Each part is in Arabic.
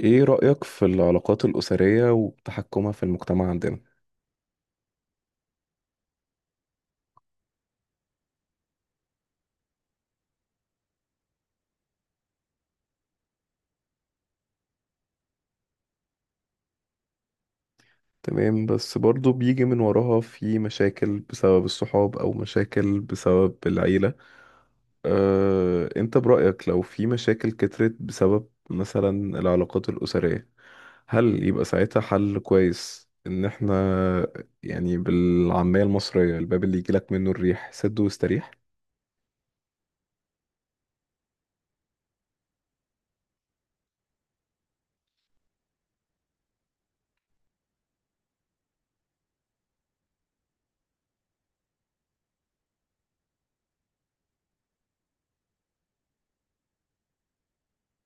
ايه رأيك في العلاقات الأسرية وتحكمها في المجتمع عندنا؟ تمام، بس برضو بيجي من وراها في مشاكل بسبب الصحاب أو مشاكل بسبب العيلة. انت برأيك لو في مشاكل كترت بسبب مثلا العلاقات الأسرية، هل يبقى ساعتها حل كويس ان احنا يعني بالعامية المصرية الباب اللي يجيلك منه الريح سد واستريح؟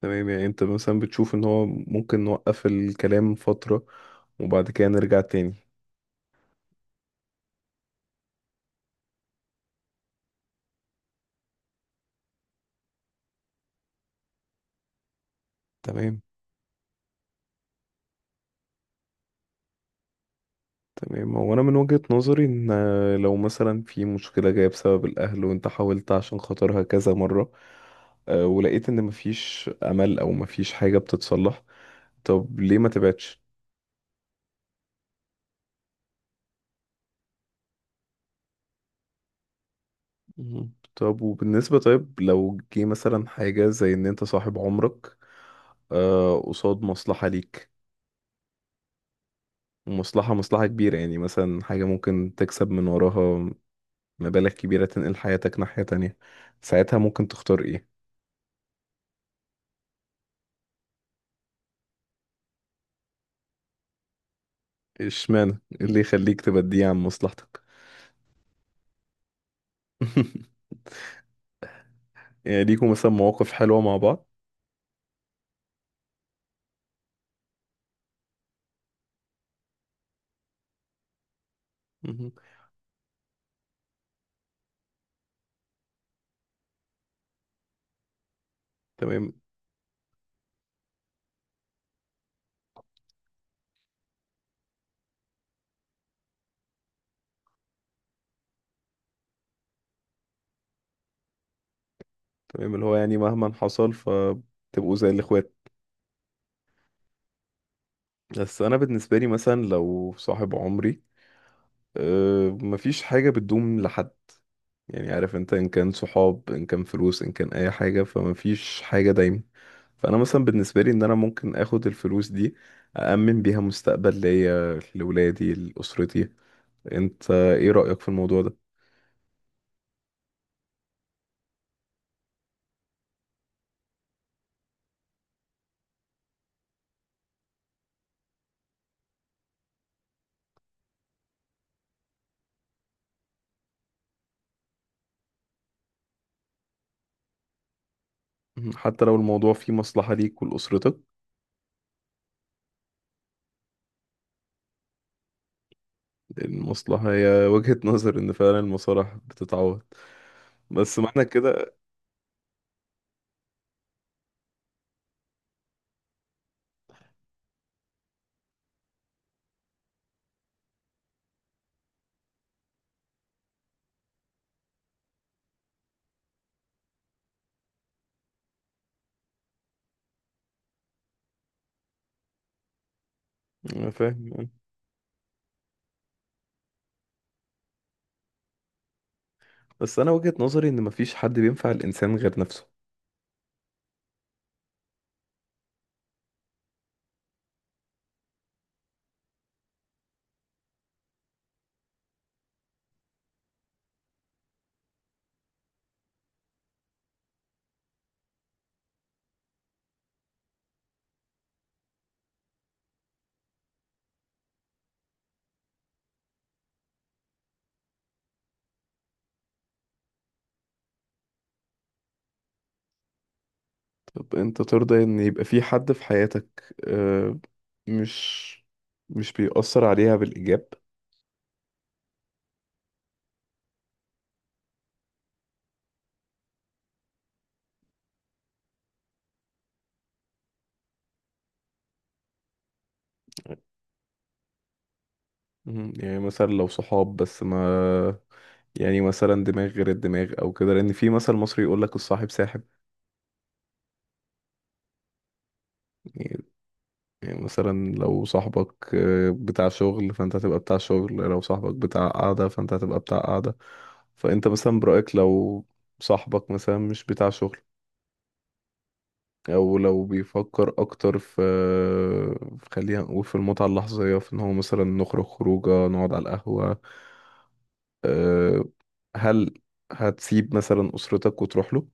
تمام، يعني انت مثلا بتشوف ان هو ممكن نوقف الكلام فترة وبعد كده نرجع تاني. تمام. تمام هو انا من وجهة نظري ان لو مثلا في مشكلة جاية بسبب الاهل وانت حاولت عشان خاطرها كذا مرة، ولقيت ان مفيش امل او مفيش حاجة بتتصلح، طب ليه ما تبعدش؟ مم. طب وبالنسبة، طيب لو جه مثلا حاجة زي ان انت صاحب عمرك، قصاد مصلحة ليك، ومصلحة كبيرة، يعني مثلا حاجة ممكن تكسب من وراها مبالغ كبيرة تنقل حياتك ناحية تانية، ساعتها ممكن تختار ايه؟ اشمعنى؟ إيه اللي يخليك تبديه عن مصلحتك؟ يعني ليكوا مثلا مواقف حلوة مع بعض. مهم. تمام. تمام، اللي هو يعني مهما حصل فتبقوا زي الاخوات. بس انا بالنسبة لي مثلا لو صاحب عمري، أه مفيش حاجة بتدوم لحد، يعني عارف انت ان كان صحاب ان كان فلوس ان كان اي حاجة، فمفيش حاجة دايما. فانا مثلا بالنسبة لي ان انا ممكن اخد الفلوس دي أأمن بيها مستقبل ليا لولادي لأسرتي. انت ايه رأيك في الموضوع ده؟ مم. حتى لو الموضوع فيه مصلحة ليك ولأسرتك؟ لأن المصلحة هي وجهة نظر إن فعلا المصالح بتتعوض، بس معنى كده؟ أنا فاهم يعني. بس أنا وجهة نظري إن مفيش حد بينفع الإنسان غير نفسه. طب أنت ترضى إن يبقى في حد في حياتك، مش مش بيأثر عليها بالإيجاب؟ مم. يعني مثلا لو صحاب بس ما، يعني مثلا دماغ غير الدماغ او كده، لان في مثل مصري يقول لك الصاحب ساحب. يعني يعني مثلا لو صاحبك بتاع شغل، فانت هتبقى بتاع شغل. لو صاحبك بتاع قعدة، فانت هتبقى بتاع قعدة. فانت مثلا برأيك لو صاحبك مثلا مش بتاع شغل، او لو بيفكر اكتر في خلينا نقول في المتعة اللحظية، في ان هو مثلا نخرج خروجه نقعد على القهوة، آه، هل هتسيب مثلا اسرتك وتروح له؟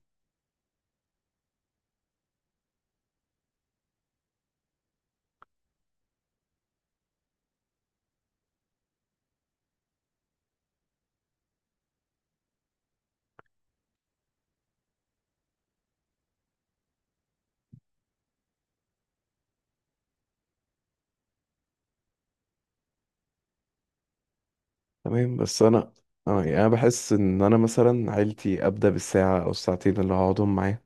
تمام، بس انا بحس ان انا مثلا عيلتي ابدا بالساعة او الساعتين اللي هقعدهم معاهم.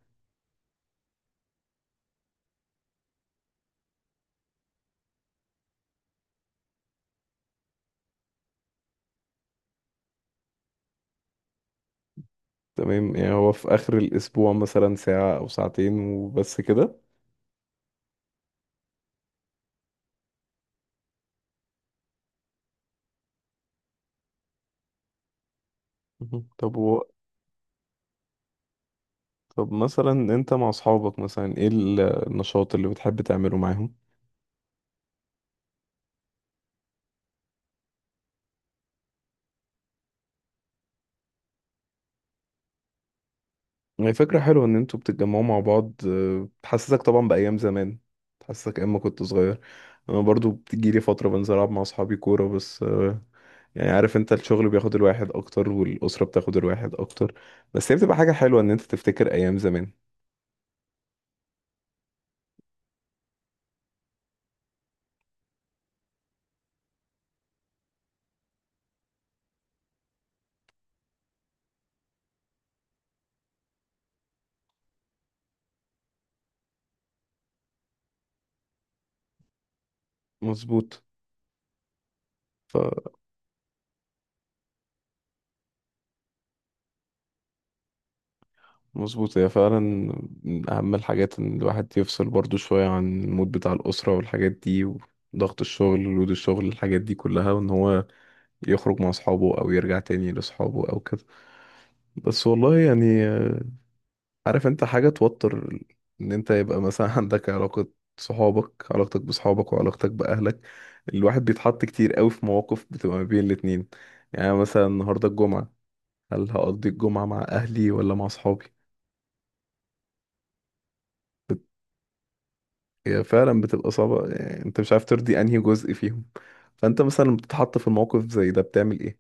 تمام، يعني هو في آخر الأسبوع مثلا ساعة أو ساعتين وبس كده. مهم. طب مثلا أنت مع أصحابك مثلا إيه النشاط اللي بتحب تعمله معاهم؟ يعني فكرة حلوة إن أنتوا بتتجمعوا مع بعض. بتحسسك طبعا بأيام زمان، بتحسسك أيام ما كنت صغير. أنا برضو بتجيلي فترة بنزل ألعب مع أصحابي كورة، بس يعني عارف انت الشغل بياخد الواحد اكتر والاسره بتاخد الواحد اكتر، بس هي بتبقى حاجه حلوه ان انت تفتكر ايام زمان. مظبوط. مظبوط، هي فعلا من أهم الحاجات إن الواحد يفصل برضو شوية عن المود بتاع الأسرة والحاجات دي وضغط الشغل ولود الشغل الحاجات دي كلها، وإن هو يخرج مع أصحابه أو يرجع تاني لأصحابه أو كده. بس والله يعني، عارف أنت حاجة توتر إن أنت يبقى مثلا عندك علاقة، صحابك، علاقتك بصحابك وعلاقتك بأهلك. الواحد بيتحط كتير قوي في مواقف بتبقى ما بين الاتنين. يعني مثلا النهاردة الجمعة، هل هقضي الجمعة مع أهلي ولا مع صحابي؟ هي فعلا بتبقى صعبة، يعني انت مش عارف ترضي انهي جزء فيهم. فانت مثلا لما بتتحط في الموقف زي ده بتعمل ايه؟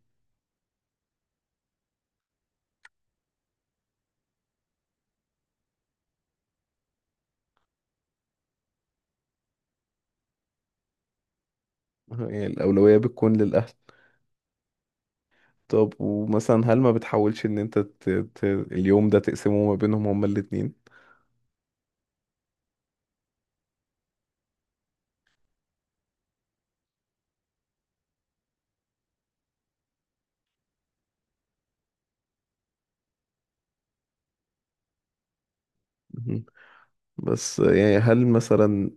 يعني الاولوية بتكون للاهل؟ طب ومثلا هل ما بتحاولش ان انت اليوم ده تقسمه ما بينهم هما الاتنين؟ مهم. بس يعني هل مثلا،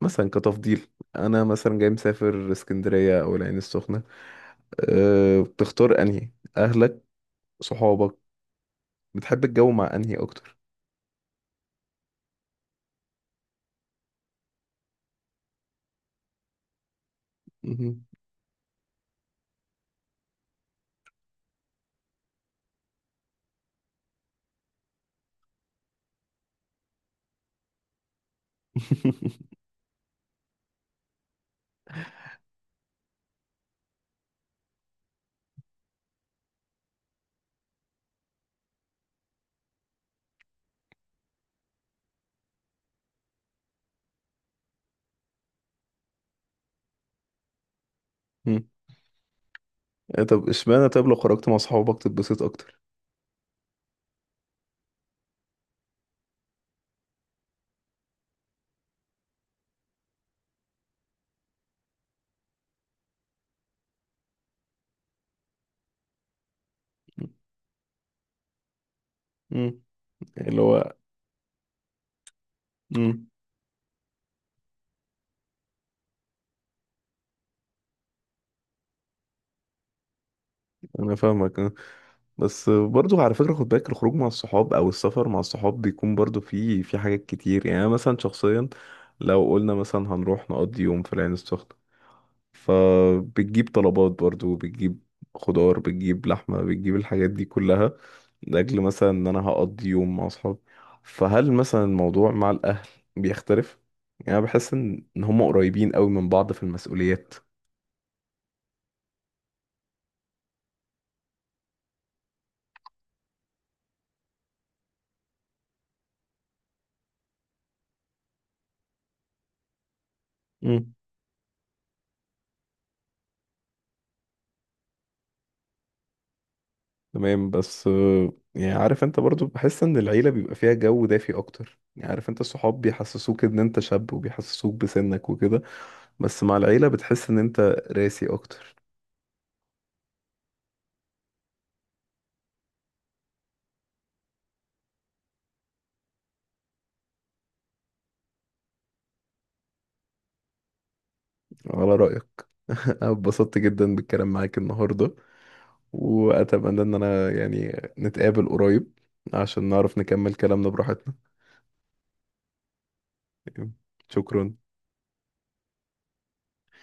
مثلا كتفضيل، انا مثلا جاي مسافر اسكندرية او العين السخنة، بتختار انهي؟ اهلك؟ صحابك؟ بتحب الجو مع انهي اكتر؟ مهم. مم. طب اشمعنى؟ طب لو خرجت مع صحابك تتبسط اكتر؟ مم. اللي هو. مم. انا فاهمك آه. بس برضو على فكره خد بالك، الخروج مع الصحاب او السفر مع الصحاب بيكون برضو فيه، في حاجات كتير. يعني أنا مثلا شخصيا لو قلنا مثلا هنروح نقضي يوم في العين السخنه، فبتجيب طلبات برضو، بتجيب خضار بتجيب لحمه بتجيب الحاجات دي كلها، لاجل مثلا ان انا هقضي يوم مع اصحابي. فهل مثلا الموضوع مع الاهل بيختلف؟ يعني أنا بحس ان إن هم قريبين قوي من بعض في المسؤوليات. تمام، بس يعني عارف انت، برضو بحس ان العيلة بيبقى فيها جو دافي اكتر. يعني عارف انت الصحاب بيحسسوك ان انت شاب وبيحسسوك بسنك وكده، بس مع العيلة بتحس ان انت راسي اكتر. على رأيك. انا اتبسطت جدا بالكلام معاك النهاردة، واتمنى ان انا يعني نتقابل قريب عشان نعرف نكمل كلامنا براحتنا. شكرا.